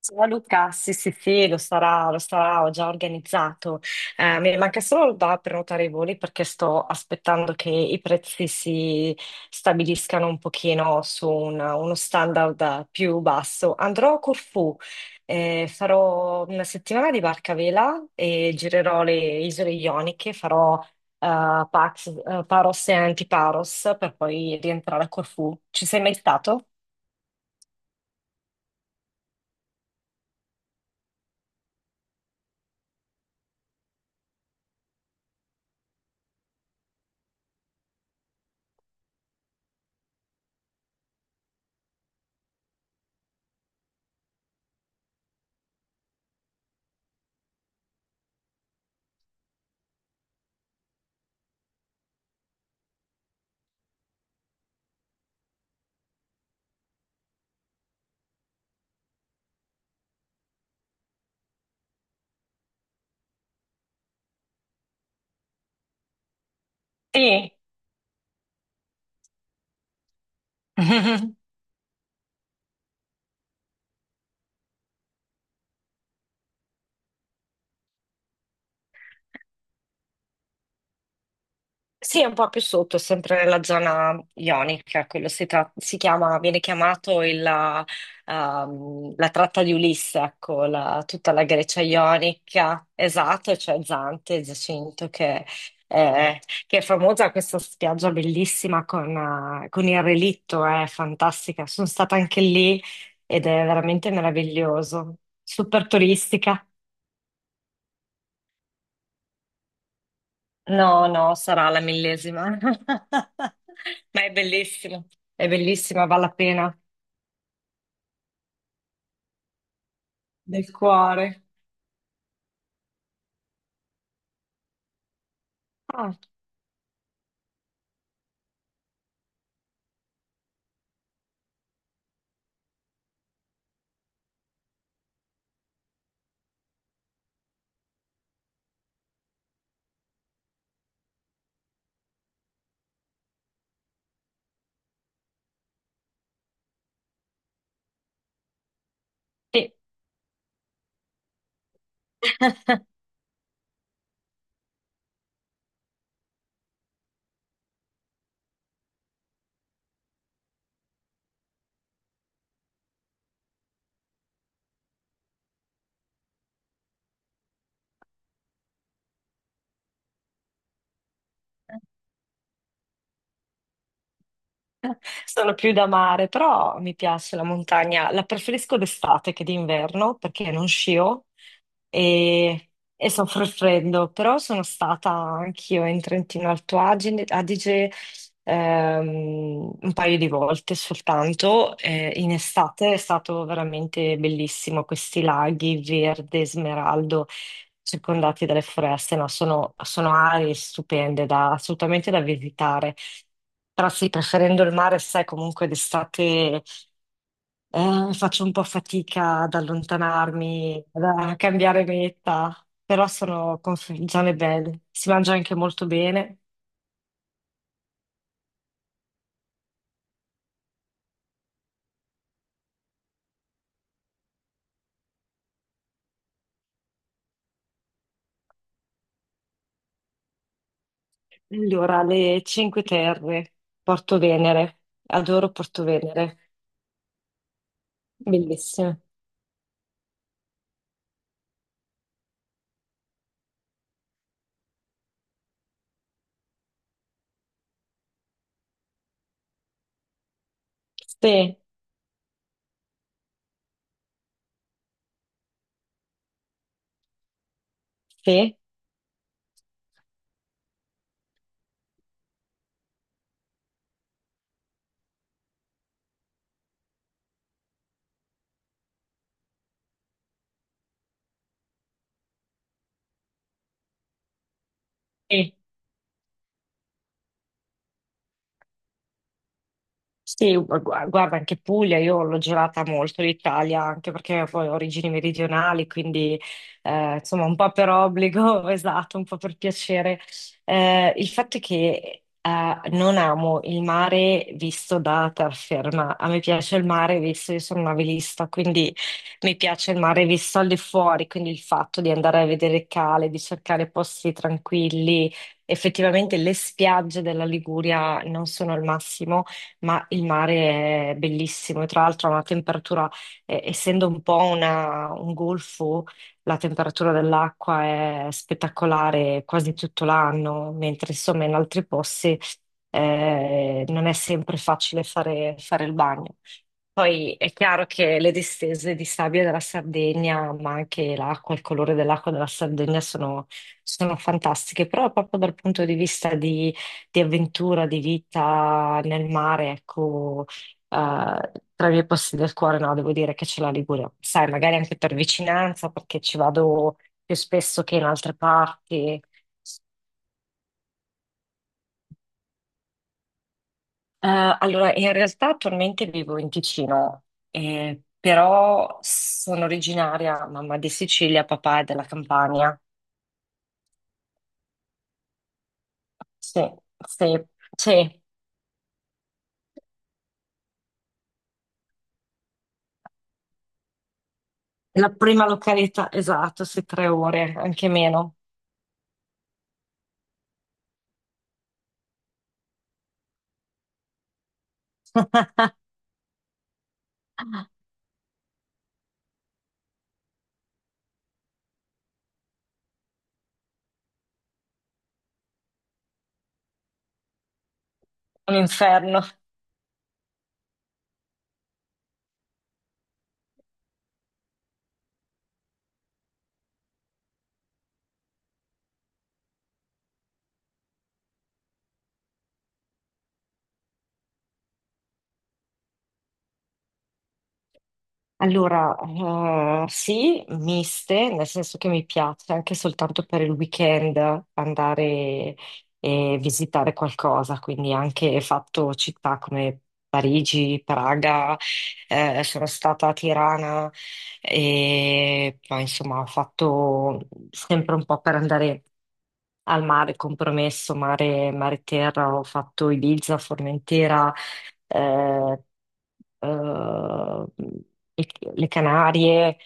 Ciao Luca, sì sì sì, lo sarà, ho già organizzato. Mi manca solo da prenotare i voli perché sto aspettando che i prezzi si stabiliscano un pochino su uno standard più basso. Andrò a Corfù, farò una settimana di barca a vela e girerò le isole Ioniche, farò Paros e Antiparos per poi rientrare a Corfù. Ci sei mai stato? Sì. Sì, è un po' più sotto, sempre nella zona ionica, quello si, si chiama, viene chiamato il la tratta di Ulisse, ecco, tutta la Grecia ionica, esatto, c'è Zante, Giacinto, eh, che è famosa questa spiaggia bellissima con, con il relitto, è fantastica, sono stata anche lì ed è veramente meraviglioso, super turistica. No, no, sarà la millesima. Ma è bellissimo, è bellissima, vale la pena. Del cuore. Ah, sì. Sono più da mare, però mi piace la montagna. La preferisco d'estate che d'inverno perché non scio e, e soffro il freddo. Però sono stata anch'io in Trentino Adige, un paio di volte soltanto. In estate è stato veramente bellissimo. Questi laghi verde, smeraldo, circondati dalle foreste, no? Sono, sono aree stupende assolutamente da visitare. Però sì, preferendo il mare, sai, comunque d'estate faccio un po' fatica ad allontanarmi, a cambiare meta, però sono zone belle, si mangia anche molto bene. Allora, le Cinque Terre, Porto Venere, adoro Porto Venere, bellissimo. Sì, sì, sì. Sì, guarda, anche Puglia, io l'ho girata molto l'Italia, anche perché poi ho origini meridionali, quindi insomma un po' per obbligo, esatto, un po' per piacere. Il fatto è che non amo il mare visto da terraferma, a me piace il mare visto, io sono una velista, quindi mi piace il mare visto al di fuori, quindi il fatto di andare a vedere cale, di cercare posti tranquilli. Effettivamente le spiagge della Liguria non sono il massimo, ma il mare è bellissimo e tra l'altro ha una temperatura, essendo un po' un golfo, la temperatura dell'acqua è spettacolare quasi tutto l'anno, mentre insomma in altri posti non è sempre facile fare il bagno. Poi è chiaro che le distese di sabbia della Sardegna, ma anche l'acqua, il colore dell'acqua della Sardegna sono, sono fantastiche, però proprio dal punto di vista di avventura, di vita nel mare, ecco, tra i miei posti del cuore, no, devo dire che c'è la Liguria. Sai, magari anche per vicinanza, perché ci vado più spesso che in altre parti. Allora, in realtà attualmente vivo in Ticino, però sono originaria, mamma di Sicilia, papà è della Campania. Sì, sì, sì, la prima località, esatto, sì, 3 ore, anche meno. Un inferno. Allora, sì, miste, nel senso che mi piace anche soltanto per il weekend andare e visitare qualcosa, quindi anche fatto città come Parigi, Praga, sono stata a Tirana e poi insomma ho fatto sempre un po' per andare al mare, compromesso, mare, mare terra, ho fatto Ibiza, Formentera, eh, eh, i- le Canarie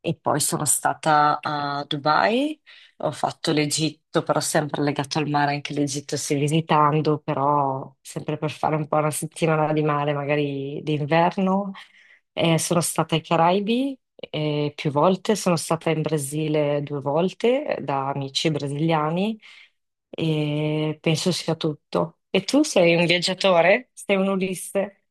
e poi sono stata a Dubai. Ho fatto l'Egitto, però sempre legato al mare, anche l'Egitto stai visitando, però sempre per fare un po' una settimana di mare, magari d'inverno. Sono stata ai Caraibi più volte, sono stata in Brasile 2 volte da amici brasiliani e penso sia tutto. E tu sei un viaggiatore? Sei un Ulisse?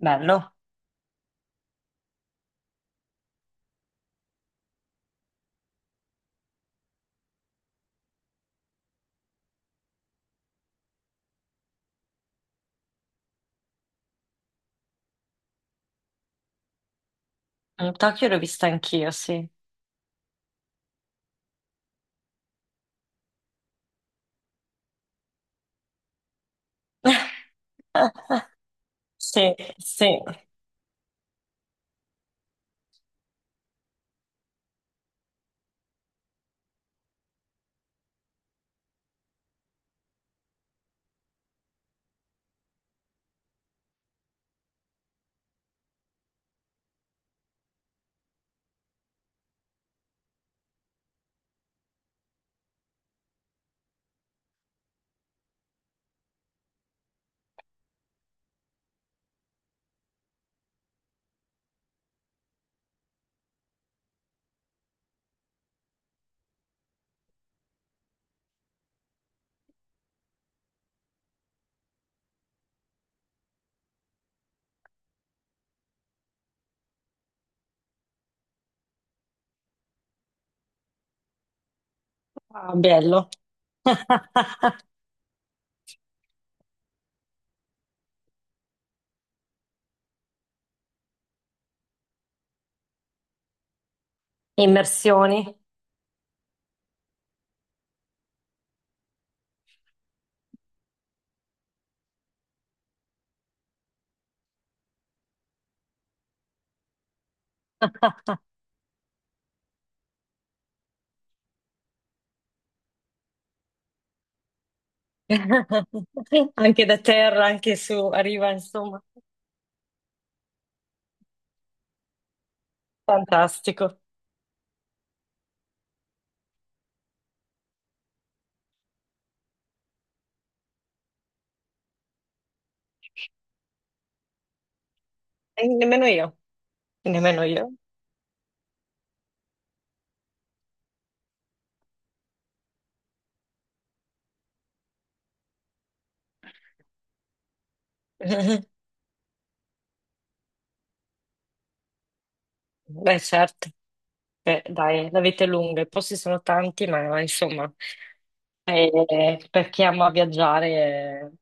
Bello. Mm, Tokyo l'ho vista anch'io, sì. Sì, sì. Ah, bello. Immersioni. Anche da terra, anche su, arriva, insomma. Fantastico. E nemmeno io, nemmeno io. Beh, certo, beh, dai, la vita è lunga, i posti sono tanti, ma insomma, per chi ama viaggiare,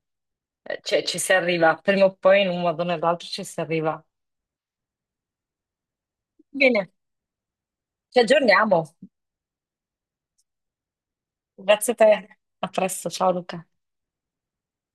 cioè, ci si arriva, prima o poi in un modo o nell'altro ci si arriva. Bene, ci aggiorniamo. Grazie a te, a presto, ciao Luca.